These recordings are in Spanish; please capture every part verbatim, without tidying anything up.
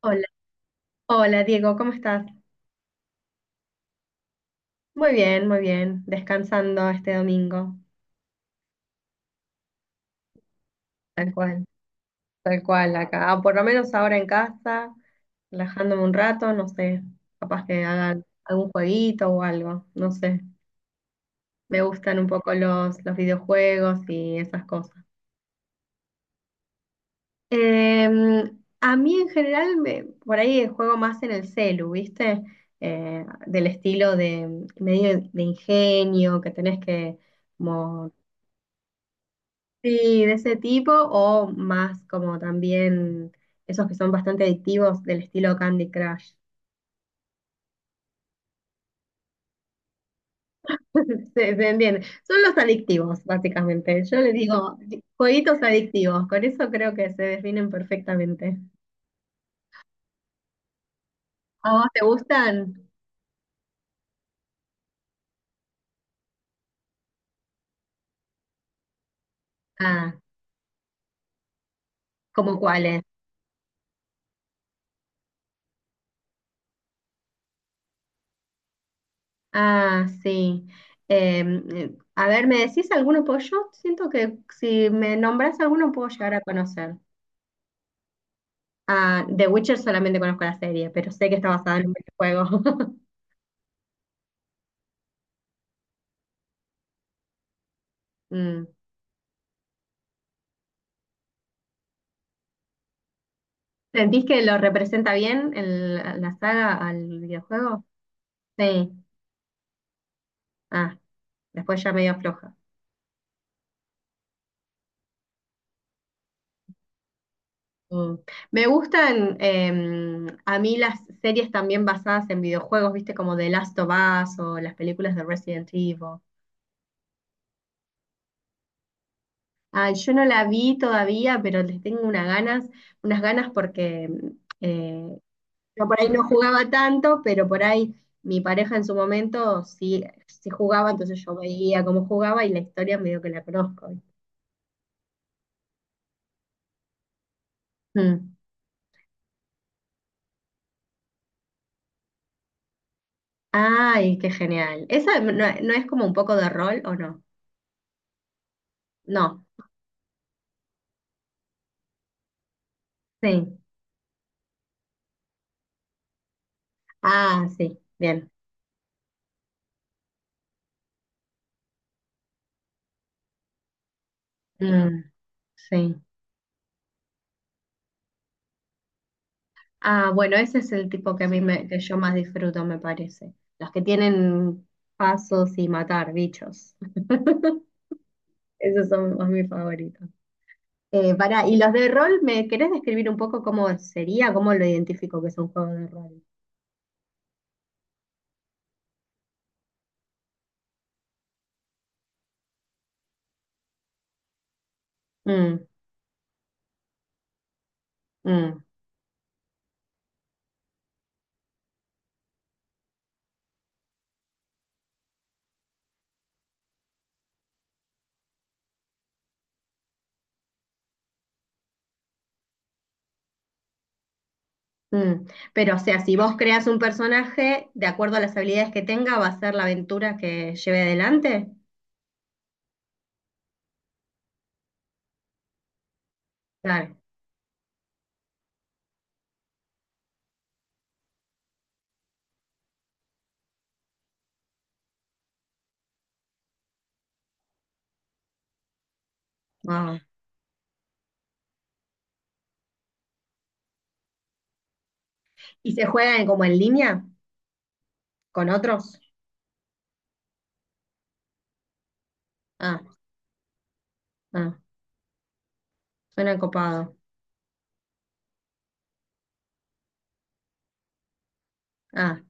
Hola, hola Diego, ¿cómo estás? Muy bien, muy bien, descansando este domingo, tal cual, tal cual acá, o por lo menos ahora en casa, relajándome un rato, no sé, capaz que hagan algún jueguito o algo, no sé, me gustan un poco los, los videojuegos y esas cosas. Em, a mí en general, me, por ahí juego más en el celu, ¿viste? Eh, del estilo de medio de ingenio, que tenés que como. Sí, de ese tipo o más como también esos que son bastante adictivos del estilo Candy Crush. Se, se entiende. Son los adictivos, básicamente. Yo les digo jueguitos adictivos. Con eso creo que se definen perfectamente. ¿A vos te gustan? Ah, ¿Como cuáles? Ah, sí. Em, Eh, a ver, ¿me decís alguno? Pues yo siento que si me nombrás alguno puedo llegar a conocer. Ah, The Witcher solamente conozco la serie, pero sé que está basada en un videojuego. Mm. ¿Sentís que lo representa bien el- la saga al videojuego? Sí. Ah, después ya medio floja. Mm. Me gustan em, a mí las series también basadas en videojuegos, viste, como The Last of Us o las películas de Resident Evil. Ah, yo no la vi todavía, pero les tengo unas ganas, unas ganas porque eh, yo por ahí no jugaba tanto, pero por ahí mi pareja en su momento sí, sí jugaba, entonces yo veía cómo jugaba y la historia medio que la conozco. Mm. Ay, qué genial. ¿Esa no, no es como un poco de rol o no? No, sí. Ah, sí, bien. Mm, sí. Ah, bueno, ese es el tipo que a mí me, que yo más disfruto, me parece. Los que tienen pasos y matar bichos. Esos son los mis favoritos. Eh, pará, ¿y los de rol me querés describir un poco cómo sería, cómo lo identifico que es un juego de rol? Mm, mm. Mm. Pero, o sea, si vos creas un personaje, de acuerdo a las habilidades que tenga, va a ser la aventura que lleve adelante. Claro, wow. ¿Y se juegan como en línea con otros? Ah, ah, suena copado. Ah.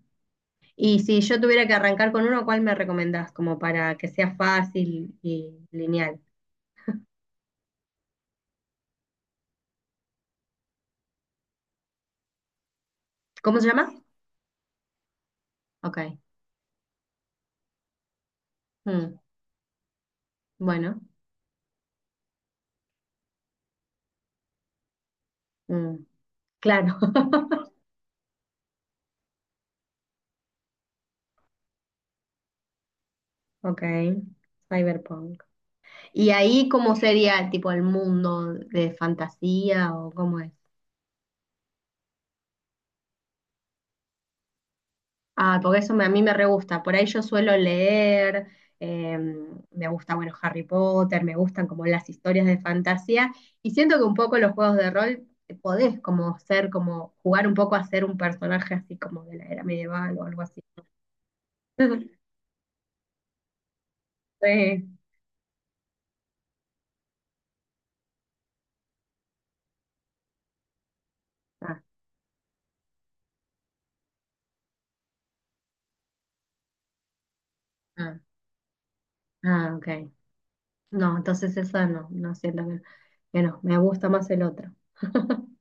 Y si yo tuviera que arrancar con uno, ¿Cuál me recomendás? Como para que sea fácil y lineal. ¿Cómo se llama? Ok. Mm, bueno. Mm, claro. Ok. Cyberpunk. Y ahí, ¿Cómo sería tipo el mundo de fantasía o cómo es? Ah, porque eso me- a mí me re gusta. Por ahí yo suelo leer, eh, me gusta, bueno, Harry Potter, me gustan como las historias de fantasía. Y siento que un poco los juegos de rol eh, podés como ser, como jugar un poco a ser un personaje así como de la era medieval o algo así. Sí. Ah, ah, ah, ok. No, entonces eso no, no siento que, que no, me gusta más el otro.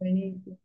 Buenísimo.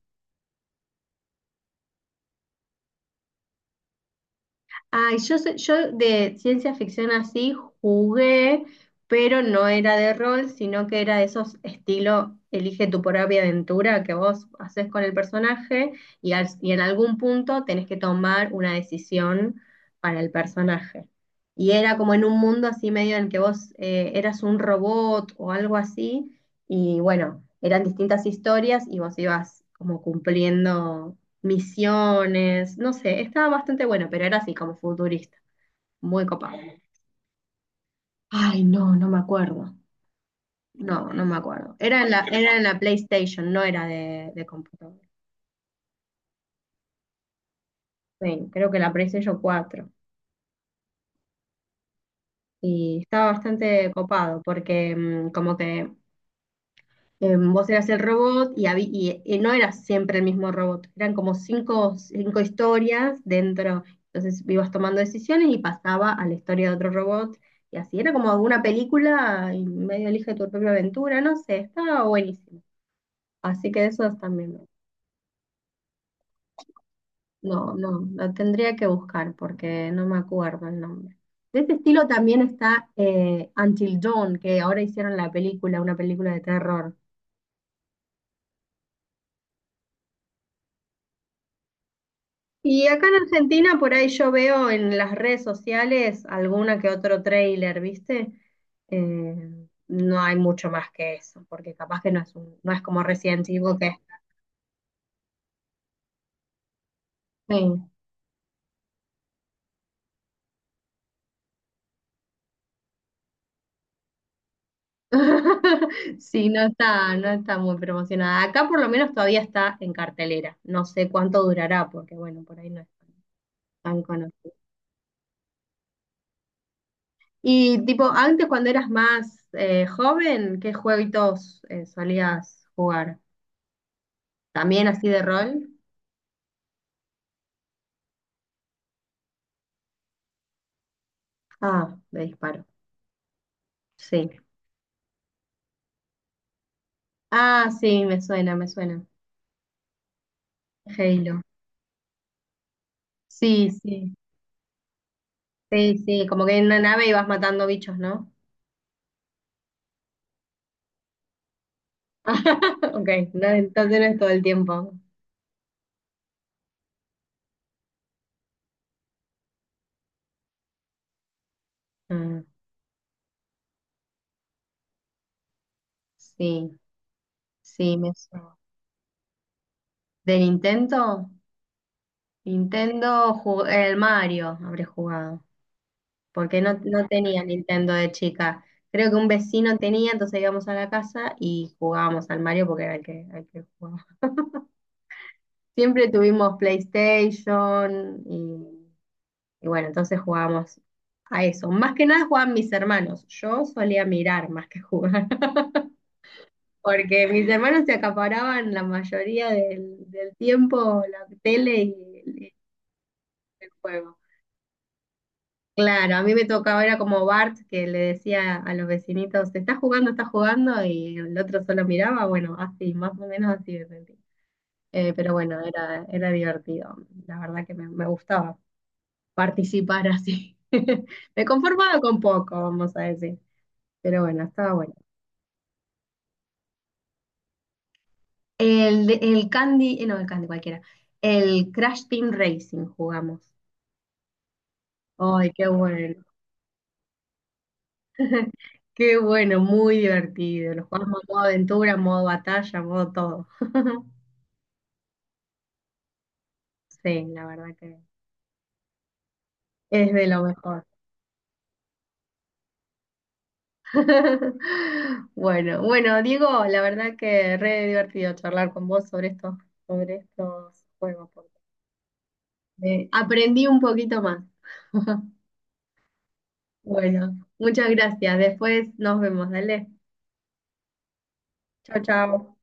Ay, yo, sé- yo de ciencia ficción así jugué, pero no era de rol, sino que era de esos estilo elige tu propia aventura que vos haces con el personaje y, al- y en algún punto tenés que tomar una decisión para el personaje. Y era como en un mundo así medio en que vos eh, eras un robot o algo así, y bueno, eran distintas historias y vos ibas como cumpliendo misiones, no sé, estaba bastante bueno, pero era así como futurista, muy copado. Ay, no, no me acuerdo. No, no me acuerdo. Era en la, era en la PlayStation, no era de, de computador. Sí, creo que la play station cuatro. Y estaba bastante copado porque mm, como que eh, vos eras el robot y, habí- y, y no eras siempre el mismo robot, eran como cinco, cinco historias dentro, entonces ibas tomando decisiones y pasaba a la historia de otro robot y así, era como una película y medio elige tu propia aventura, no sé, estaba buenísimo. Así que eso también, no, no, lo tendría que buscar porque no me acuerdo el nombre. De este estilo también está eh, Until Dawn, que ahora hicieron la película, una película de terror. Y acá en Argentina, por ahí yo veo en las redes sociales alguna que otro tráiler, ¿viste? Eh, no hay mucho más que eso, porque capaz que no es un- no es como Resident Evil que sí. Sí, no está, no está muy promocionada. Acá por lo menos todavía está en cartelera. No sé cuánto durará, porque bueno, por ahí no es tan tan conocido. Y tipo, antes cuando eras más eh, joven, ¿Qué jueguitos eh, solías jugar? ¿También así de rol? Ah, de disparo. Sí. Ah, sí, me suena, me suena. Halo. Sí, sí. Sí, sí, como que en una nave ibas matando bichos, ¿no? Ok, no, entonces no es todo el tiempo. Ah, sí, sí, me suena. ¿De Nintendo? Nintendo, ju- el Mario habré jugado, porque no, no tenía Nintendo de chica. Creo que un vecino tenía, entonces íbamos a la casa y jugábamos al Mario porque era el que, el que jugaba. Siempre tuvimos PlayStation. Y bueno, entonces jugábamos a eso. Más que nada jugaban mis hermanos. Yo solía mirar más que jugar, porque mis hermanos se acaparaban la mayoría del, del tiempo la tele y, y el juego. Claro, a mí me tocaba, era como Bart que le decía a los vecinitos, está jugando, está jugando, y el otro solo miraba, bueno, así, más o menos así me sentí. Eh, pero bueno, era, era divertido, la verdad que me, me gustaba participar así. Me conformaba con poco, vamos a decir. Pero bueno, estaba bueno. El, el Candy, eh, no, el Candy cualquiera. El Crash Team Racing jugamos. Ay, qué bueno. Qué bueno, muy divertido. Lo jugamos en modo aventura, modo batalla, modo todo. Sí, la verdad que es de lo mejor. Bueno, bueno, Diego, la verdad que re divertido charlar con vos sobre estos, sobre estos juegos, porque me- aprendí un poquito más. Bueno, muchas gracias. Después nos vemos, dale. Chao, chao.